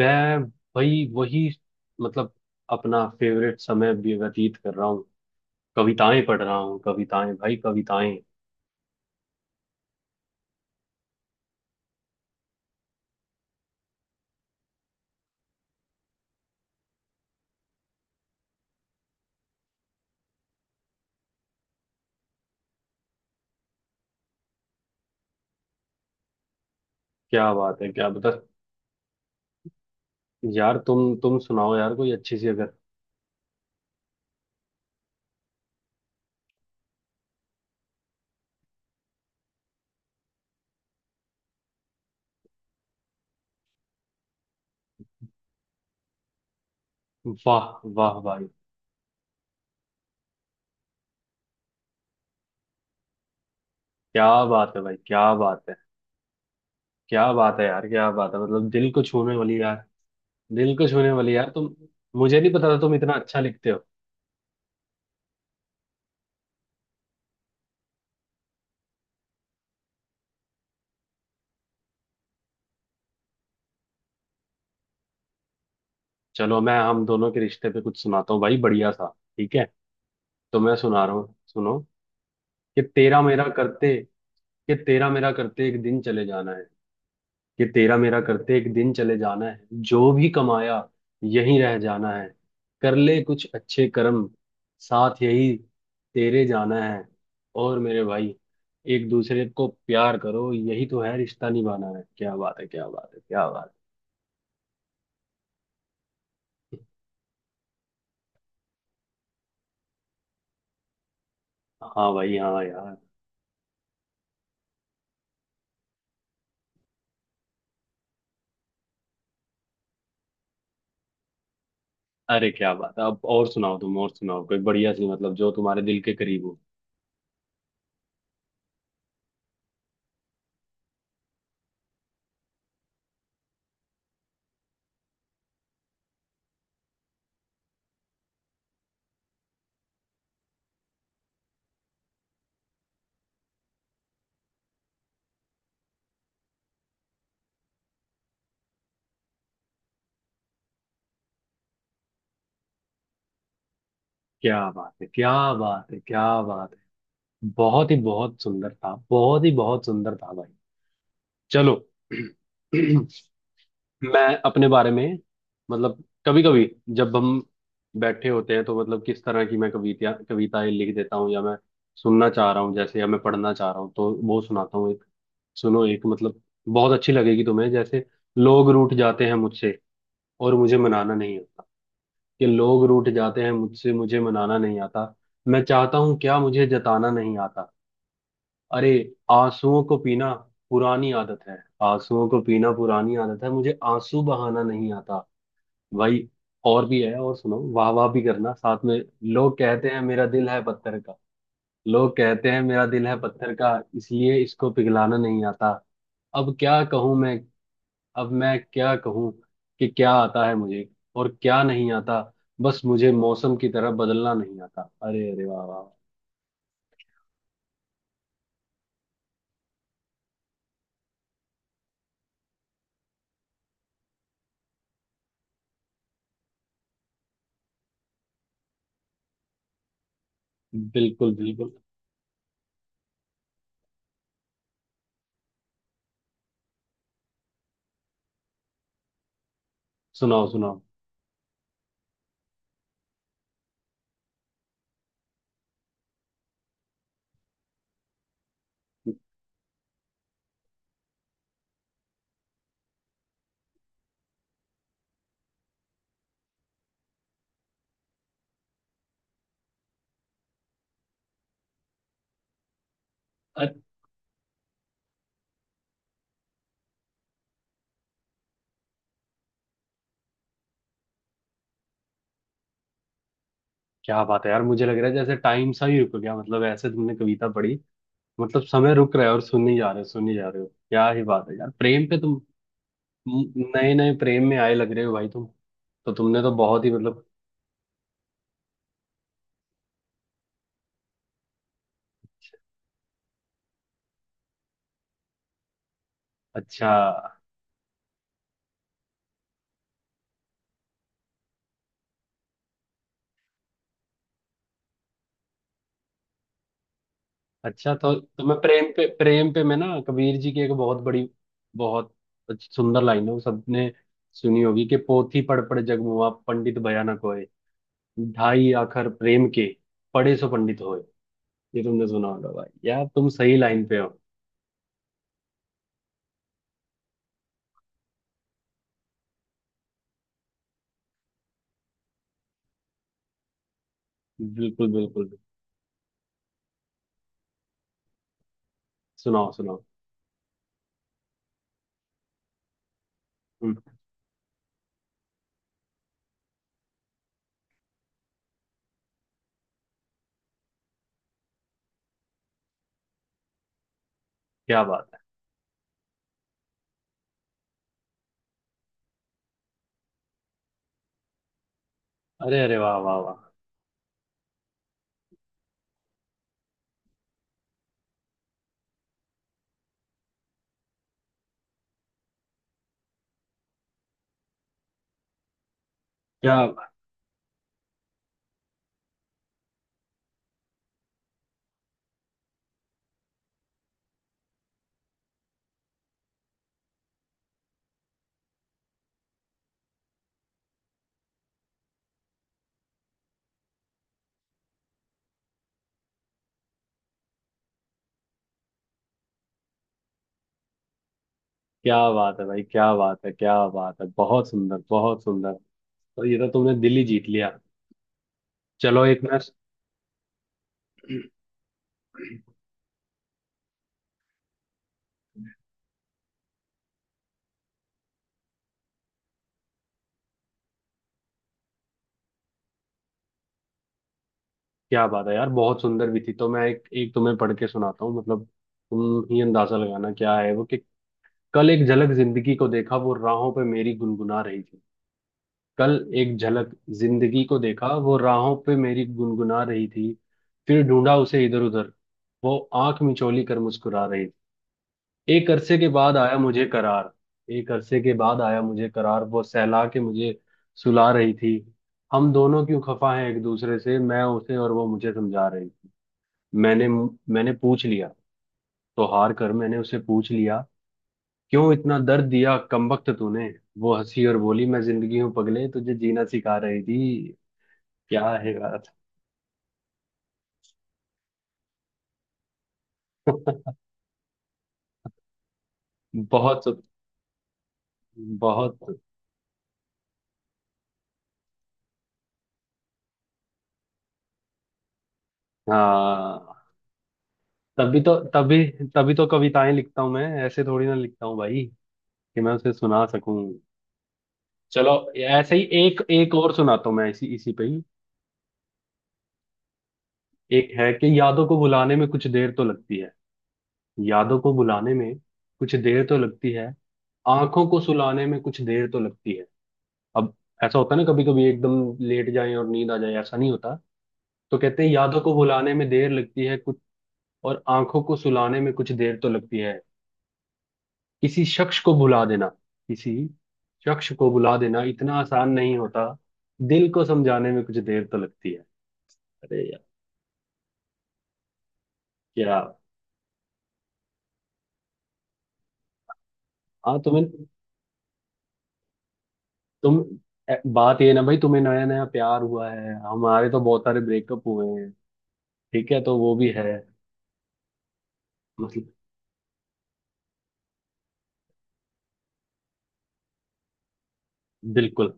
मैं भाई वही मतलब अपना फेवरेट समय भी व्यतीत कर रहा हूँ। कविताएं पढ़ रहा हूँ, कविताएं भाई, कविताएं। क्या बात है, क्या बता। यार तुम सुनाओ यार कोई अच्छी सी अगर। वाह वाह भाई, क्या बात है भाई, क्या बात है, क्या बात है यार, क्या बात है। मतलब दिल को छूने वाली यार, दिल को छूने वाली यार तुम। मुझे नहीं पता था तुम इतना अच्छा लिखते हो। चलो मैं हम दोनों के रिश्ते पे कुछ सुनाता हूँ भाई, बढ़िया सा। ठीक है, तो मैं सुना रहा हूँ, सुनो। कि तेरा मेरा करते, कि तेरा मेरा करते एक दिन चले जाना है। कि तेरा मेरा करते एक दिन चले जाना है, जो भी कमाया यहीं रह जाना है। कर ले कुछ अच्छे कर्म, साथ यही तेरे जाना है। और मेरे भाई, एक दूसरे को प्यार करो, यही तो है रिश्ता निभाना है। क्या बात है, क्या बात है, क्या बात है। हाँ भाई, हाँ यार। अरे क्या बात है। अब और सुनाओ तुम, और सुनाओ कोई बढ़िया सी, मतलब जो तुम्हारे दिल के करीब हो। क्या बात है, क्या बात है, क्या बात है। बहुत ही बहुत सुंदर था, बहुत ही बहुत सुंदर था भाई। चलो। मैं अपने बारे में, मतलब कभी कभी जब हम बैठे होते हैं तो मतलब, किस तरह की मैं कविताएं लिख देता हूँ या मैं सुनना चाह रहा हूँ जैसे, या मैं पढ़ना चाह रहा हूँ, तो वो सुनाता हूँ एक। सुनो एक, मतलब बहुत अच्छी लगेगी तुम्हें जैसे। लोग रूठ जाते हैं मुझसे, और मुझे मनाना नहीं आता। कि लोग रूठ जाते हैं मुझसे, मुझे मनाना नहीं आता। मैं चाहता हूँ क्या मुझे जताना नहीं आता। अरे। आंसुओं को पीना पुरानी आदत है। आंसुओं को पीना पुरानी आदत है, मुझे आंसू बहाना नहीं आता। भाई और भी है, और सुनो, वाह वाह भी करना साथ में। लोग कहते हैं मेरा दिल है पत्थर का। लोग कहते हैं मेरा दिल है पत्थर का, इसलिए इसको पिघलाना नहीं आता। अब क्या कहूं मैं, अब मैं क्या कहूं, कि क्या आता है मुझे और क्या नहीं आता। बस मुझे मौसम की तरह बदलना नहीं आता। अरे अरे, वाह वाह। बिल्कुल बिल्कुल। सुनाओ सुनाओ। क्या बात है यार, मुझे लग रहा है जैसे टाइम सा ही रुक गया। मतलब ऐसे तुमने कविता पढ़ी, मतलब समय रुक रहा है। और सुनने जा रहे हो, सुनने जा रहे हो, क्या ही बात है यार। प्रेम पे तुम नए नए प्रेम में आए लग रहे हो भाई तुम। तो तुमने तो बहुत ही मतलब अच्छा। अच्छा, तो मैं प्रेम पे, प्रेम पे मैं ना कबीर जी की एक बहुत बड़ी बहुत अच्छी सुंदर लाइन है, वो सबने सुनी होगी। कि पोथी पढ़ पढ़ जग मुआ, पंडित भयानक होए। ढाई आखर प्रेम के, पढ़े सो पंडित होए। ये तुमने सुना होगा भाई, यार तुम सही लाइन पे हो। बिल्कुल बिल्कुल। सुनाओ सुनाओ। हम्म, क्या बात है। अरे अरे, वाह वाह वाह। क्या, क्या बात है भाई, क्या बात है, क्या बात है। बहुत सुंदर, बहुत सुंदर। तो ये तो तुमने दिल ही जीत लिया। चलो एक मैं। क्या बात है यार, बहुत सुंदर भी थी। तो मैं एक एक तुम्हें पढ़ के सुनाता हूँ, मतलब तुम ही अंदाजा लगाना क्या है वो। कि कल एक झलक जिंदगी को देखा, वो राहों पे मेरी गुनगुना रही थी। कल एक झलक जिंदगी को देखा, वो राहों पे मेरी गुनगुना रही थी। फिर ढूंढा उसे इधर उधर, वो आंख मिचोली कर मुस्कुरा रही थी। एक अरसे के बाद आया मुझे करार, एक अरसे के बाद आया मुझे करार, वो सहला के मुझे सुला रही थी। हम दोनों क्यों खफा हैं एक दूसरे से, मैं उसे और वो मुझे समझा रही थी। मैंने मैंने पूछ लिया, तो हार कर मैंने उसे पूछ लिया, क्यों इतना दर्द दिया कमबख्त तूने। वो हंसी और बोली, मैं जिंदगी हूं पगले, तुझे जीना सिखा रही थी। क्या है यार। बहुत बहुत। हाँ तभी तो, तभी, तभी तो कविताएं लिखता हूँ मैं, ऐसे थोड़ी ना लिखता हूँ भाई, कि मैं उसे सुना सकूं। चलो ऐसे ही एक, एक और सुनाता हूँ मैं, इसी इसी पे ही। एक है कि यादों को भुलाने में कुछ देर तो लगती है। यादों को भुलाने में कुछ देर तो लगती है। आंखों को सुलाने में कुछ देर तो लगती है। अब ऐसा होता है ना कभी कभी, एकदम लेट जाएं और नींद आ जाए, ऐसा नहीं होता। तो कहते हैं यादों को भुलाने में देर लगती है और आंखों को सुलाने में कुछ देर तो लगती है। किसी शख्स को भुला देना, किसी शख्स को भुला देना इतना आसान नहीं होता। दिल को समझाने में कुछ देर तो लगती है। अरे यार, क्या। हाँ तुम्हें, तुम, बात ये ना भाई, तुम्हें नया नया प्यार हुआ है, हमारे तो बहुत सारे ब्रेकअप हुए हैं। ठीक है, तो वो भी है मतलब। बिल्कुल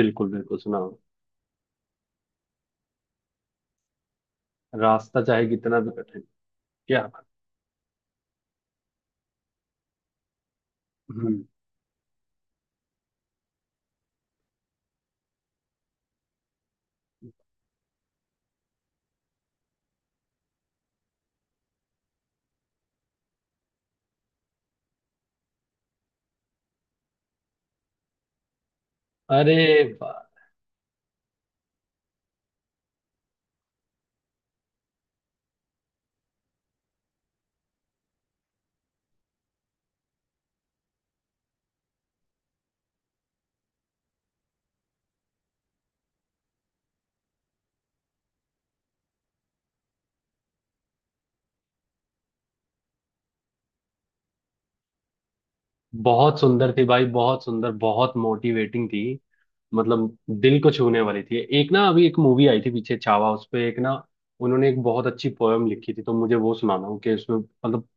बिल्कुल। बिल्कुल सुनाओ। रास्ता चाहे कितना भी कठिन। क्या बात। हम्म। अरे वाह। बहुत सुंदर थी भाई, बहुत सुंदर, बहुत मोटिवेटिंग थी। मतलब दिल को छूने वाली थी। एक ना अभी एक मूवी आई थी पीछे छावा, उस पे एक ना उन्होंने एक बहुत अच्छी पोयम लिखी थी, तो मुझे वो सुनाना हूँ। कि उसमें मतलब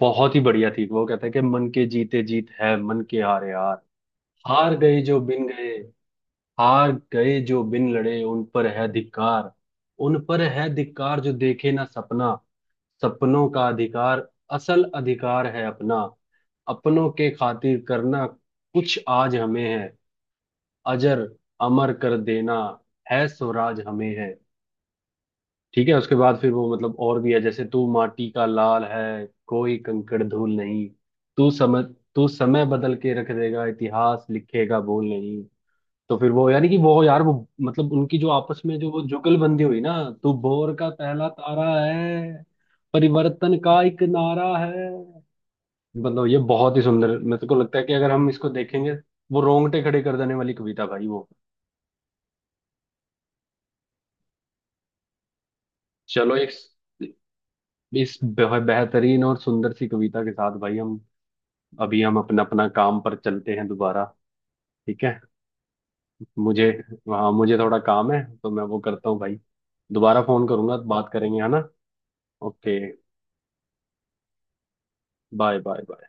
बहुत ही बढ़िया थी। वो कहता है कि मन के जीते जीत है, मन के हारे हार। हार गए जो बिन गए, हार गए जो बिन लड़े, उन पर है धिक्कार। उन पर है धिक्कार जो देखे ना सपना। सपनों का अधिकार, असल अधिकार है अपना। अपनों के खातिर करना कुछ आज हमें है, अजर अमर कर देना है स्वराज हमें है। ठीक है, उसके बाद फिर वो मतलब और भी है जैसे, तू माटी का लाल है, कोई कंकड़ धूल नहीं। तू समय, तू समय बदल के रख देगा, इतिहास लिखेगा भूल नहीं। तो फिर वो यानी कि वो यार वो मतलब उनकी जो आपस में जो वो जुगलबंदी हुई ना। तू भोर का पहला तारा है, परिवर्तन का एक नारा है। मतलब ये बहुत ही सुंदर मेरे को लगता है, कि अगर हम इसको देखेंगे, वो रोंगटे खड़े कर देने वाली कविता भाई वो। चलो एक, इस बेहतरीन और सुंदर सी कविता के साथ भाई, हम अभी हम अपना अपना काम पर चलते हैं दोबारा। ठीक है। मुझे, हाँ मुझे थोड़ा काम है, तो मैं वो करता हूँ भाई। दोबारा फोन करूंगा, बात करेंगे है ना। ओके। Bye bye bye.